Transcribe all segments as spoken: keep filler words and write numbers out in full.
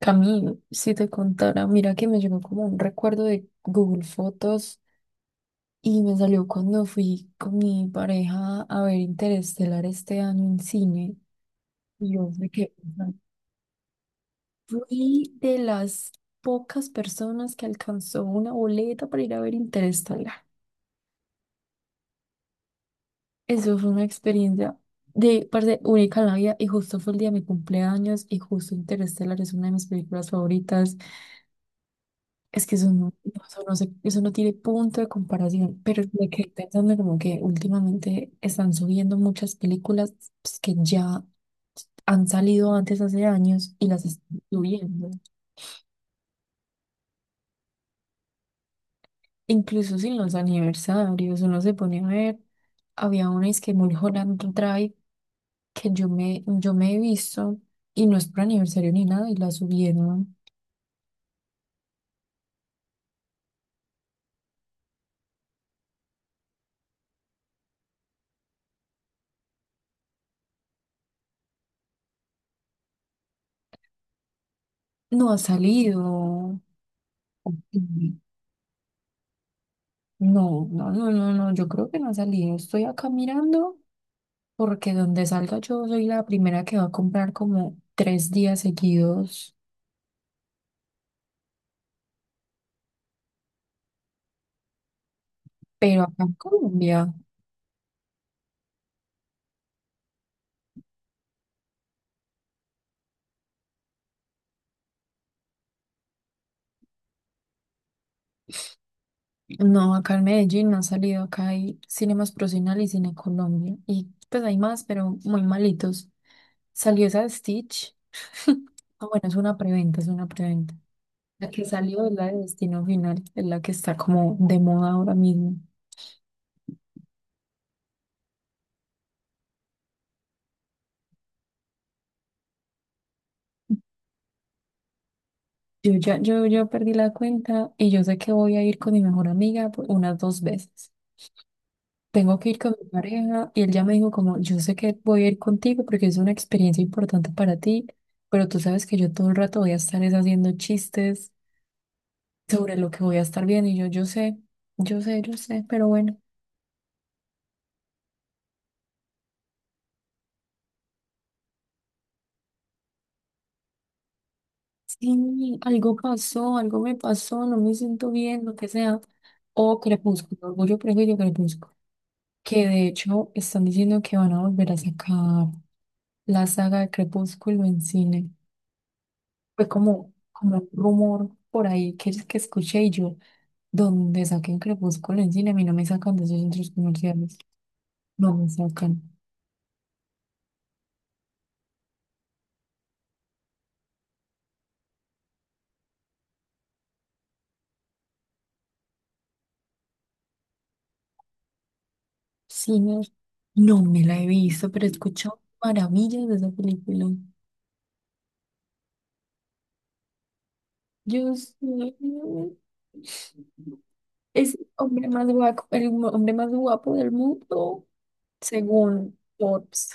Camille, si te contara, mira que me llegó como un recuerdo de Google Fotos y me salió cuando fui con mi pareja a ver Interestelar este año en cine. Y yo me que fui de las pocas personas que alcanzó una boleta para ir a ver Interestelar. Eso fue una experiencia de parte única en la vida, y justo fue el día de mi cumpleaños, y justo Interestelar es una de mis películas favoritas. Es que eso no, no, eso no se- eso no tiene punto de comparación, pero me quedé pensando como que últimamente están subiendo muchas películas, pues, que ya han salido antes hace años y las están subiendo. Incluso sin los aniversarios, uno se pone a ver, había una, es que Mulholland Drive, que yo me, yo me he visto, y no es por aniversario ni nada, y la subieron. No ha salido. Ujú. No, no, no, no, no, yo creo que no ha salido. Estoy acá mirando. Porque donde salga, yo soy la primera que va a comprar como tres días seguidos, pero acá en Colombia, no, acá en Medellín han salido. Acá hay Cine Más Procinal y Cine Colombia, y pues hay más, pero muy malitos. Salió esa de Stitch, ah bueno, es una preventa, es una preventa. La que salió es la de Destino Final, es la que está como de moda ahora mismo. Yo ya, yo, yo perdí la cuenta, y yo sé que voy a ir con mi mejor amiga por unas dos veces. Tengo que ir con mi pareja y él ya me dijo como, yo sé que voy a ir contigo porque es una experiencia importante para ti, pero tú sabes que yo todo el rato voy a estar es haciendo chistes sobre lo que voy a estar viendo, y yo, yo sé, yo sé, yo sé, pero bueno, sí, algo pasó, algo me pasó, no me siento bien, lo que sea, o Crepúsculo, Orgullo, Prejuicio, Crepúsculo, que de hecho están diciendo que van a volver a sacar la saga de Crepúsculo en cine. Fue como, como un rumor por ahí que, que escuché, y yo. Donde saquen Crepúsculo en cine, a mí no me sacan de esos centros comerciales. No me sacan. Sinners, no me la he visto, pero he escuchado maravillas de esa película. Yo soy, es el hombre más guapo, el mo- hombre más guapo del mundo, según Forbes.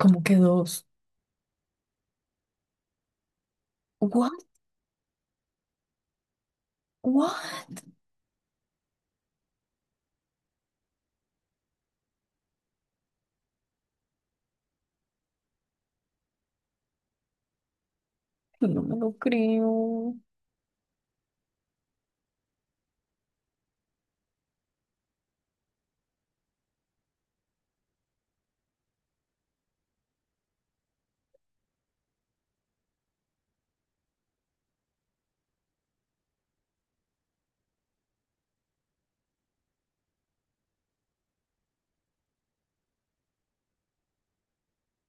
Como que dos. What? What? No me lo creo.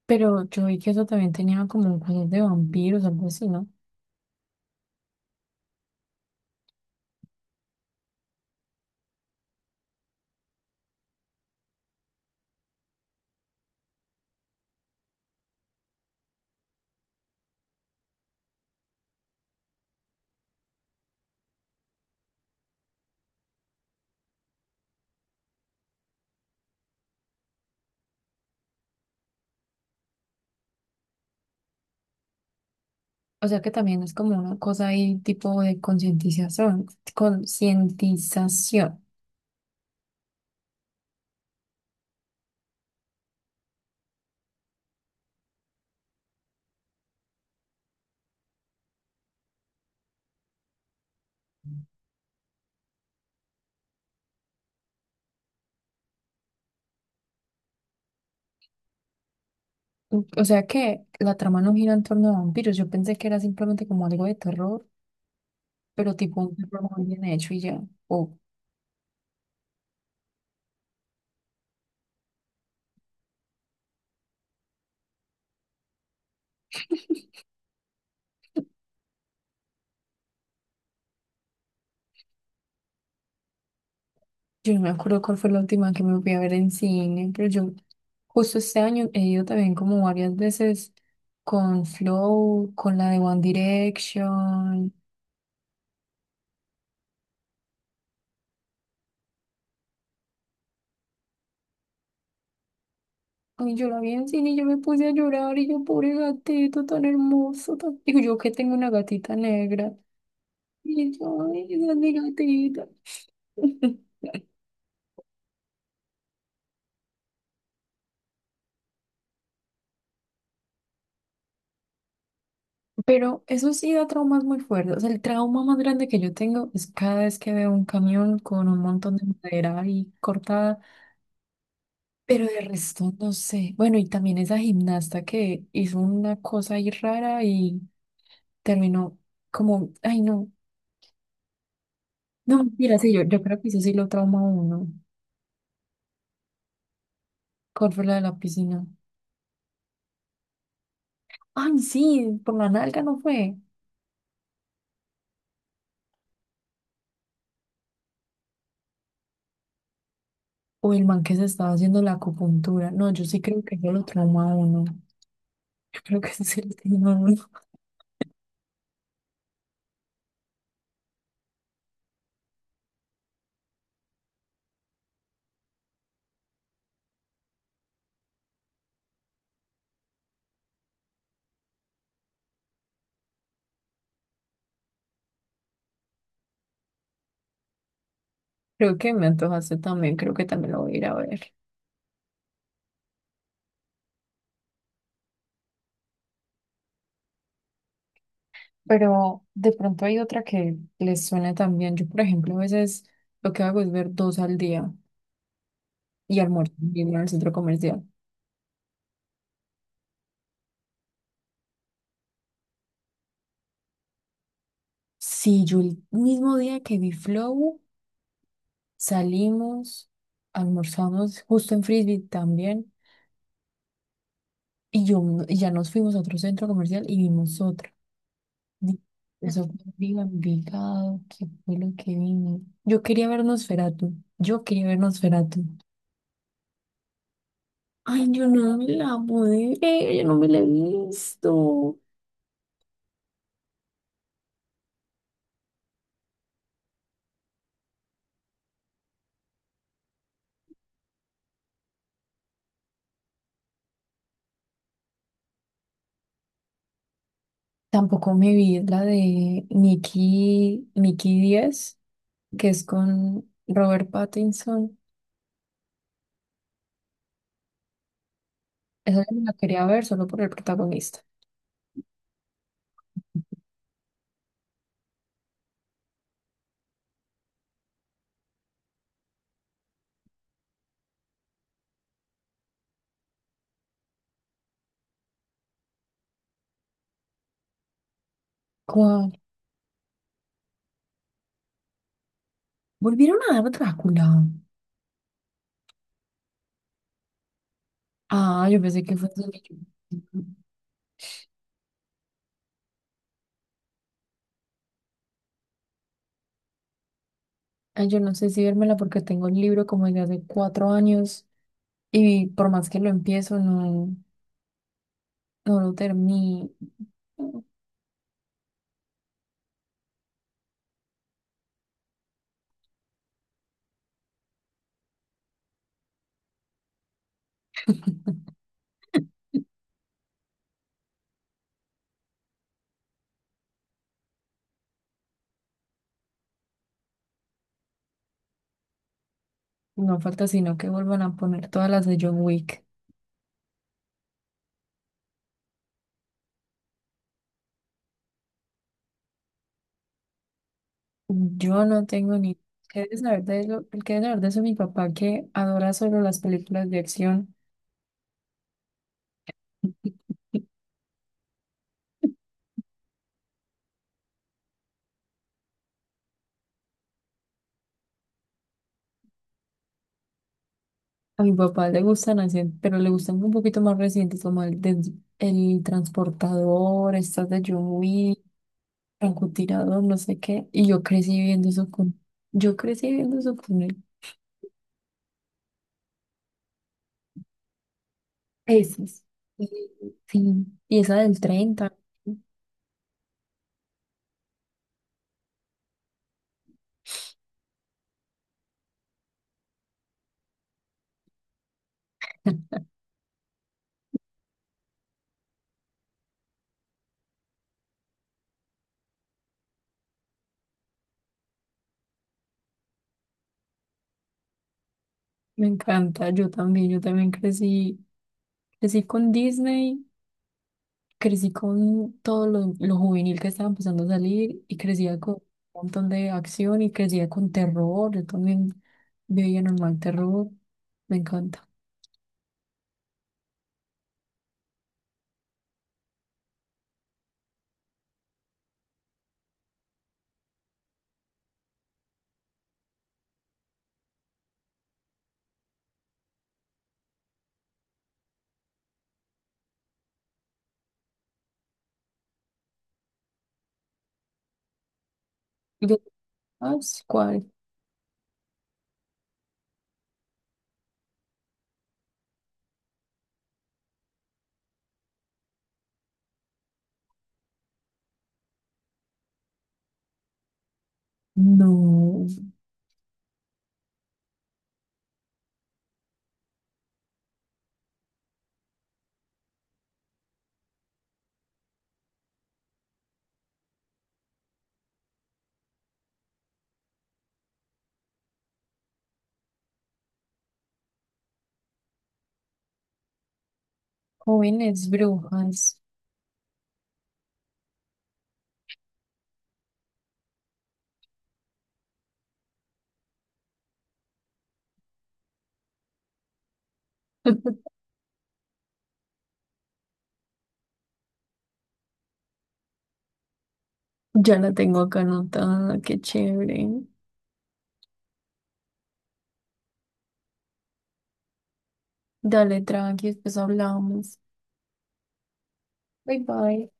Pero yo vi que eso también tenía como cosas de vampiros, algo así, ¿no? O sea que también es como una cosa ahí tipo de concientización, concientización. O sea que la trama no gira en torno a vampiros. Yo pensé que era simplemente como algo de terror, pero tipo un terror muy bien hecho y ya. O yo no me acuerdo cuál fue la última que me fui a ver en cine, pero yo justo este año he ido también como varias veces con Flow, con la de One Direction. Y yo la vi en cine y yo me puse a llorar, y yo, pobre gatito tan hermoso, tan-". digo, yo que tengo una gatita negra. Y yo, ay, esa es mi gatita. Pero eso sí da traumas muy fuertes, o sea, el trauma más grande que yo tengo es cada vez que veo un camión con un montón de madera ahí cortada. Pero de resto no sé. Bueno, y también esa gimnasta que hizo una cosa ahí rara y terminó como, ay no. No, mira, sí, yo, yo creo que eso sí lo trauma a uno. ¿Cuál fue la de la piscina? Ay, sí, por la nalga no fue. O el man que se estaba haciendo la acupuntura. No, yo sí creo que yo lo trauma a uno. Yo creo que sí se lo trauma a uno. Creo que me antojaste también, creo que también lo voy a ir a ver. Pero de pronto hay otra que les suena también. Yo, por ejemplo, a veces lo que hago es ver dos al día y almuerzo bien en el centro comercial. Sí, yo el mismo día que vi Flow, salimos, almorzamos justo en Frisbee también. Y yo y ya nos fuimos a otro centro comercial y vimos otra. Di- Eso fue, digo, Envigado, ¿qué fue lo que vino? Yo quería ver Nosferatu, yo quería ver Nosferatu. Ay, yo no me la pude ver, yo no me la he visto. Tampoco me vi la de Nicky, Nicky Díaz, que es con Robert Pattinson. Esa yo me la quería ver solo por el protagonista. ¿Cuál? ¿Volvieron a dar Drácula? Ah, yo pensé que fue solo yo. Ay, yo no sé si vérmela porque tengo el libro como desde hace cuatro años. Y por más que lo empiezo, no, no lo termino. No falta sino que vuelvan a poner todas las de John Wick. Yo no tengo ni... ¿Qué debe saber de eso? El que debe saber de eso es mi papá, que adora solo las películas de acción. A mi papá le gustan así, pero le gustan un poquito más recientes, como el, de- el transportador, estas de John Wick. Francotirador, no sé qué, y yo crecí viendo eso con, yo crecí viendo eso con él. Esas. Y- Sí, y esa del treinta me encanta, yo también, yo también crecí, crecí con Disney, crecí con todo lo, lo juvenil que estaba empezando a salir, y crecía con un montón de acción, y crecía con terror, yo también veía normal terror, me encanta. ¿Y de- ah, sí, ¿cuál? No, jóvenes brujas. Ya la tengo acá anotada, qué chévere. Dale, tranqui, después hablamos. Bye bye.